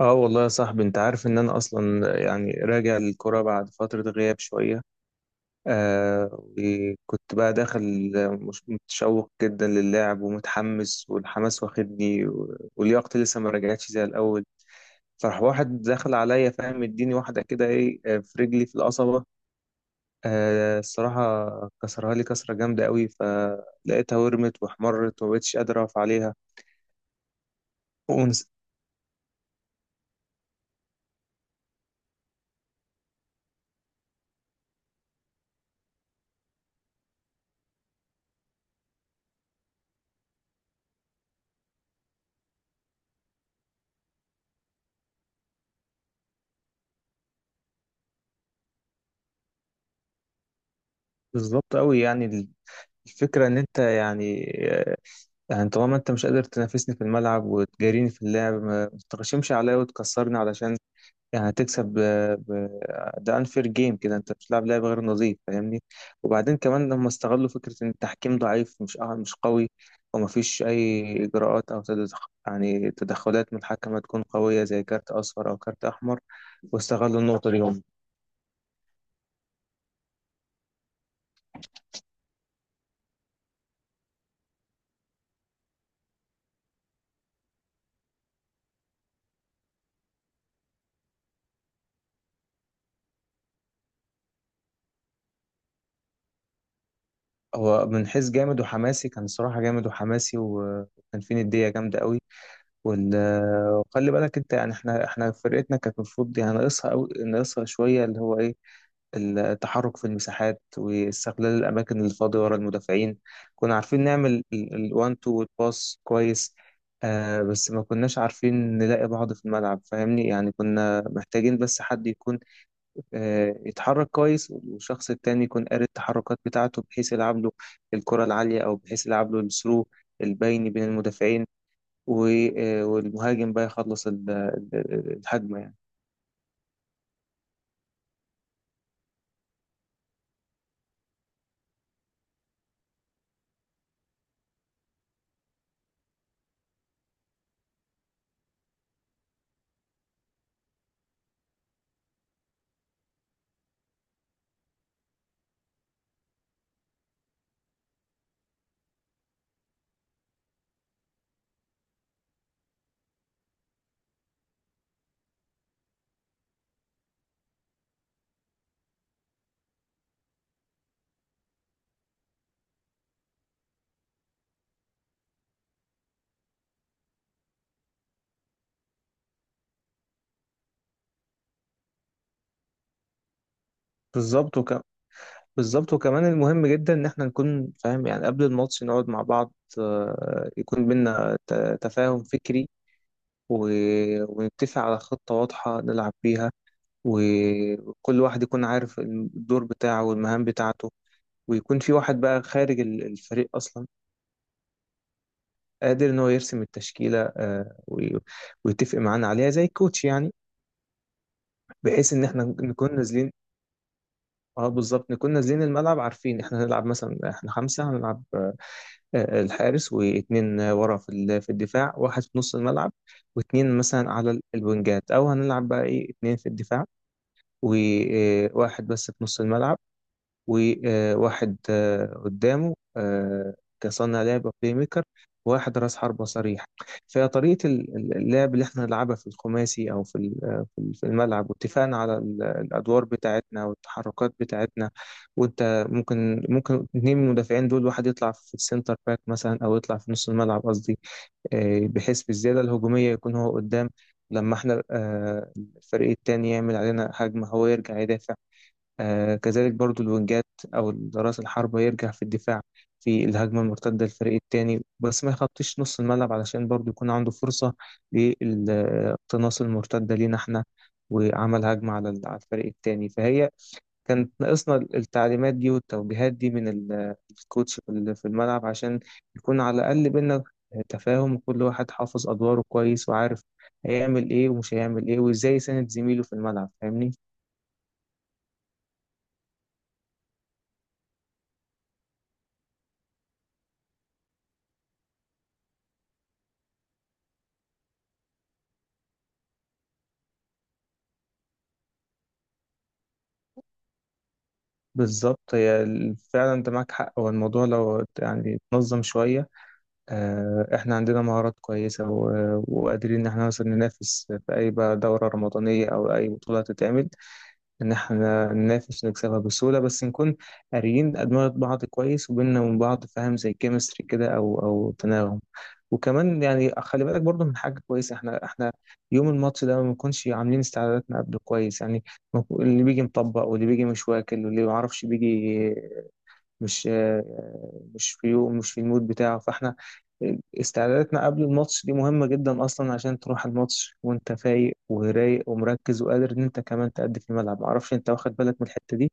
اه والله يا صاحبي، انت عارف ان انا اصلا يعني راجع للكرة بعد فترة غياب شوية. وكنت بقى داخل مش متشوق جدا للعب ومتحمس، والحماس واخدني ولياقتي لسه ما رجعتش زي الاول. فراح واحد دخل عليا، فاهم، اديني واحدة كده، ايه في رجلي في القصبة. الصراحة كسرها لي كسرة جامدة قوي، فلقيتها ورمت واحمرت ومبقتش قادر اقف عليها. ونس- بالظبط قوي يعني. الفكرة ان انت يعني طالما انت مش قادر تنافسني في الملعب وتجاريني في اللعب، ما تتغشمش عليا وتكسرني علشان يعني هتكسب ب... ده انفير جيم كده. انت بتلعب لعب غير نظيف، فاهمني؟ وبعدين كمان لما استغلوا فكرة ان التحكيم ضعيف، مش قوي، ومفيش اي اجراءات او يعني تدخلات من الحكم تكون قوية زي كارت اصفر او كارت احمر، واستغلوا النقطة دي هم. هو من حيث جامد وحماسي كان الصراحة جامد وحماسي، وكان فيه ندية جامدة قوي. وال- وخلي بالك انت يعني، احنا فرقتنا كانت المفروض يعني ناقصها او ناقصها شويه، اللي هو ايه، التحرك في المساحات واستغلال الاماكن الفاضيه ورا المدافعين. كنا عارفين نعمل الوان تو والباس كويس. آه بس ما كناش عارفين نلاقي بعض في الملعب، فاهمني؟ يعني كنا محتاجين بس حد يكون يتحرك كويس، والشخص التاني يكون قاري التحركات بتاعته، بحيث يلعب له الكره العاليه، او بحيث يلعب له الثرو البيني بين المدافعين، و- والمهاجم بقى يخلص الهجمة يعني. بالظبط وك... بالظبط، وكمان المهم جدا ان احنا نكون فاهم، يعني قبل الماتش نقعد مع بعض، يكون بينا تفاهم فكري، و... ونتفق على خطة واضحة نلعب بيها، وكل واحد يكون عارف الدور بتاعه والمهام بتاعته. ويكون في واحد بقى خارج الفريق اصلا قادر ان هو يرسم التشكيلة، ويتفق معانا عليها زي الكوتش يعني، بحيث ان احنا نكون نازلين. اه بالظبط، نكون نازلين الملعب عارفين احنا هنلعب، مثلا احنا خمسة هنلعب، الحارس واتنين ورا في في الدفاع، واحد في نص الملعب، واتنين مثلا على الوينجات، او هنلعب بقى ايه اتنين في الدفاع وواحد بس في نص الملعب، وواحد قدامه كصانع لعبة بلاي ميكر، وواحد راس حربة صريح. فطريقة اللعب اللي احنا نلعبها في الخماسي أو في في الملعب، واتفقنا على الأدوار بتاعتنا والتحركات بتاعتنا. وأنت ممكن، اتنين من المدافعين دول، واحد يطلع في السنتر باك مثلا أو يطلع في نص الملعب قصدي، بحيث في الزيادة الهجومية يكون هو قدام. لما احنا الفريق التاني يعمل علينا هجمة، هو يرجع يدافع. آه كذلك برضو الوينجات أو رأس الحرب يرجع في الدفاع في الهجمة المرتدة للفريق التاني، بس ما يخطيش نص الملعب علشان برضو يكون عنده فرصة للاقتناص المرتدة لينا احنا وعمل هجمة على على الفريق التاني. فهي كانت ناقصنا التعليمات دي والتوجيهات دي من الكوتش في في الملعب، عشان يكون على الأقل بينا تفاهم، وكل واحد حافظ أدواره كويس وعارف هيعمل إيه ومش هيعمل إيه وإزاي يساند زميله في الملعب، فاهمني؟ بالظبط، فعلا انت معاك حق، هو الموضوع لو يعني اتنظم شوية، احنا عندنا مهارات كويسة وقادرين ان احنا مثلا ننافس في اي بقى دورة رمضانية او اي بطولة تتعمل. إن إحنا ننافس ونكسبها بسهولة، بس نكون قاريين أدمغة بعض كويس، وبيننا وبين بعض فاهم، زي كيمستري كده أو تناغم. وكمان يعني خلي بالك برضه من حاجة كويسة، إحنا يوم الماتش ده ما بنكونش عاملين استعداداتنا قبله كويس، يعني اللي بيجي مطبق، واللي بيجي مش واكل، واللي ما يعرفش بيجي مش مش في يوم، مش في المود بتاعه. فاحنا استعداداتنا قبل الماتش دي مهمة جدا أصلا، عشان تروح الماتش وأنت فايق ورايق ومركز وقادر إن أنت كمان تأدي في الملعب. معرفش أنت واخد بالك من الحتة دي؟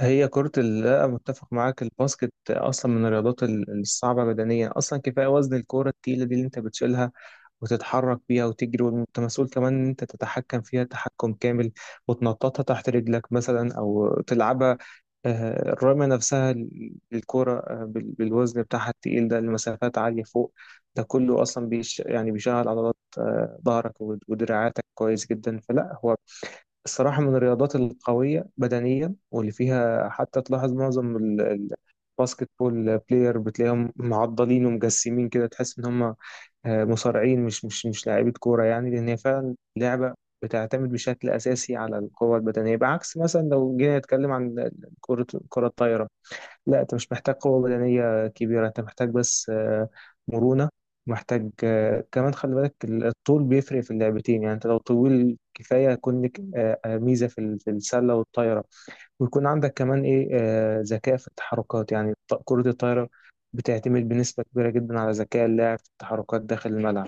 لا متفق معاك، الباسكت أصلا من الرياضات الصعبة بدنيا. أصلا كفاية وزن الكورة التقيلة دي اللي أنت بتشيلها وتتحرك بيها وتجري، وأنت مسؤول كمان إن أنت تتحكم فيها تحكم كامل وتنططها تحت رجلك مثلا أو تلعبها. الرمية نفسها الكرة بالوزن بتاعها التقيل ده لمسافات عالية فوق، ده كله أصلا يعني بيشغل عضلات ظهرك ودراعاتك كويس جدا. فلا هو الصراحة من الرياضات القوية بدنيا، واللي فيها حتى تلاحظ معظم الباسكت بول بلاير بتلاقيهم معضلين ومجسمين كده، تحس إن هم مصارعين مش لاعيبة كورة يعني. لأن هي فعلا لعبة بتعتمد بشكل أساسي على القوة البدنية، بعكس مثلا لو جينا نتكلم عن كرة الطايرة. لا انت مش محتاج قوة بدنية كبيرة، انت محتاج بس مرونة. محتاج كمان خلي بالك الطول بيفرق في اللعبتين. يعني انت لو طويل كفاية يكون لك ميزة في في السلة والطايرة، ويكون عندك كمان ايه ذكاء في التحركات. يعني كرة الطايرة بتعتمد بنسبة كبيرة جدا على ذكاء اللاعب في التحركات داخل الملعب.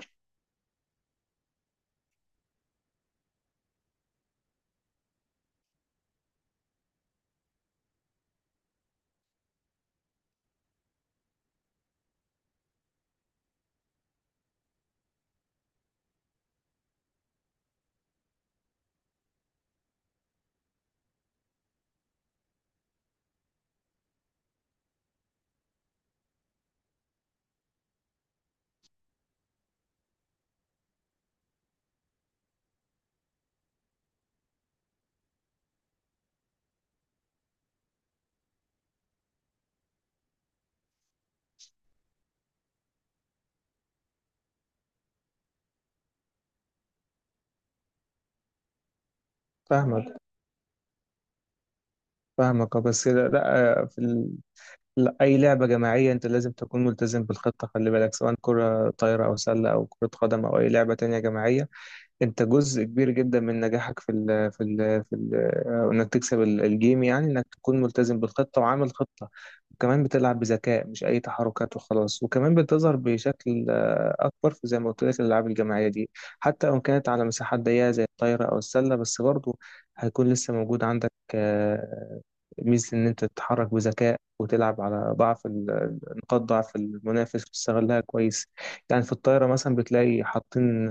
فاهمك، فاهمك. بس كده لا، لا، أي لعبة جماعية أنت لازم تكون ملتزم بالخطة. خلي بالك سواء كرة طايرة أو سلة أو كرة قدم أو أي لعبة تانية جماعية، انت جزء كبير جدا من نجاحك في ال في ال في ال انك تكسب الجيم، يعني انك تكون ملتزم بالخطة وعامل خطة وكمان بتلعب بذكاء، مش اي تحركات وخلاص. وكمان بتظهر بشكل اكبر في زي ما قلت لك الالعاب الجماعية دي، حتى لو كانت على مساحات ضيقة زي الطايرة او السلة، بس برضو هيكون لسه موجود عندك ميزة ان انت تتحرك بذكاء وتلعب على نقاط ضعف المنافس وتستغلها كويس. يعني في الطايرة مثلا بتلاقي حاطين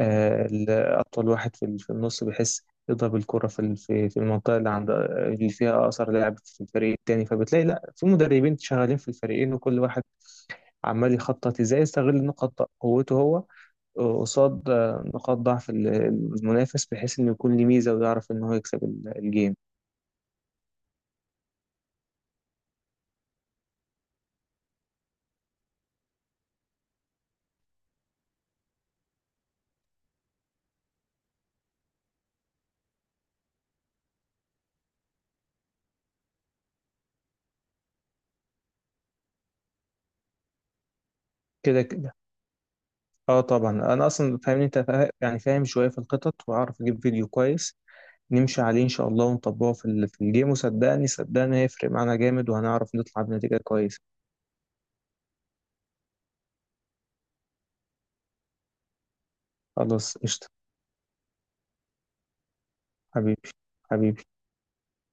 أطول واحد في في النص، بيحس يضرب الكرة في في المنطقة اللي عند اللي فيها أقصر لاعب في الفريق التاني. فبتلاقي لا، في مدربين شغالين في الفريقين، وكل واحد عمال يخطط ازاي يستغل نقاط قوته هو قصاد نقاط ضعف المنافس، بحيث إنه يكون ليه ميزة ويعرف إن هو يكسب الجيم. كده كده. اه طبعا، انا اصلا فاهمني، انت يعني فاهم شويه في الخطط، واعرف اجيب فيديو كويس نمشي عليه إن شاء الله، ونطبقه في في الجيم، وصدقني، هيفرق معانا جامد وهنعرف نطلع بنتيجة كويسة. خلاص قشطة. حبيبي، حبيبي.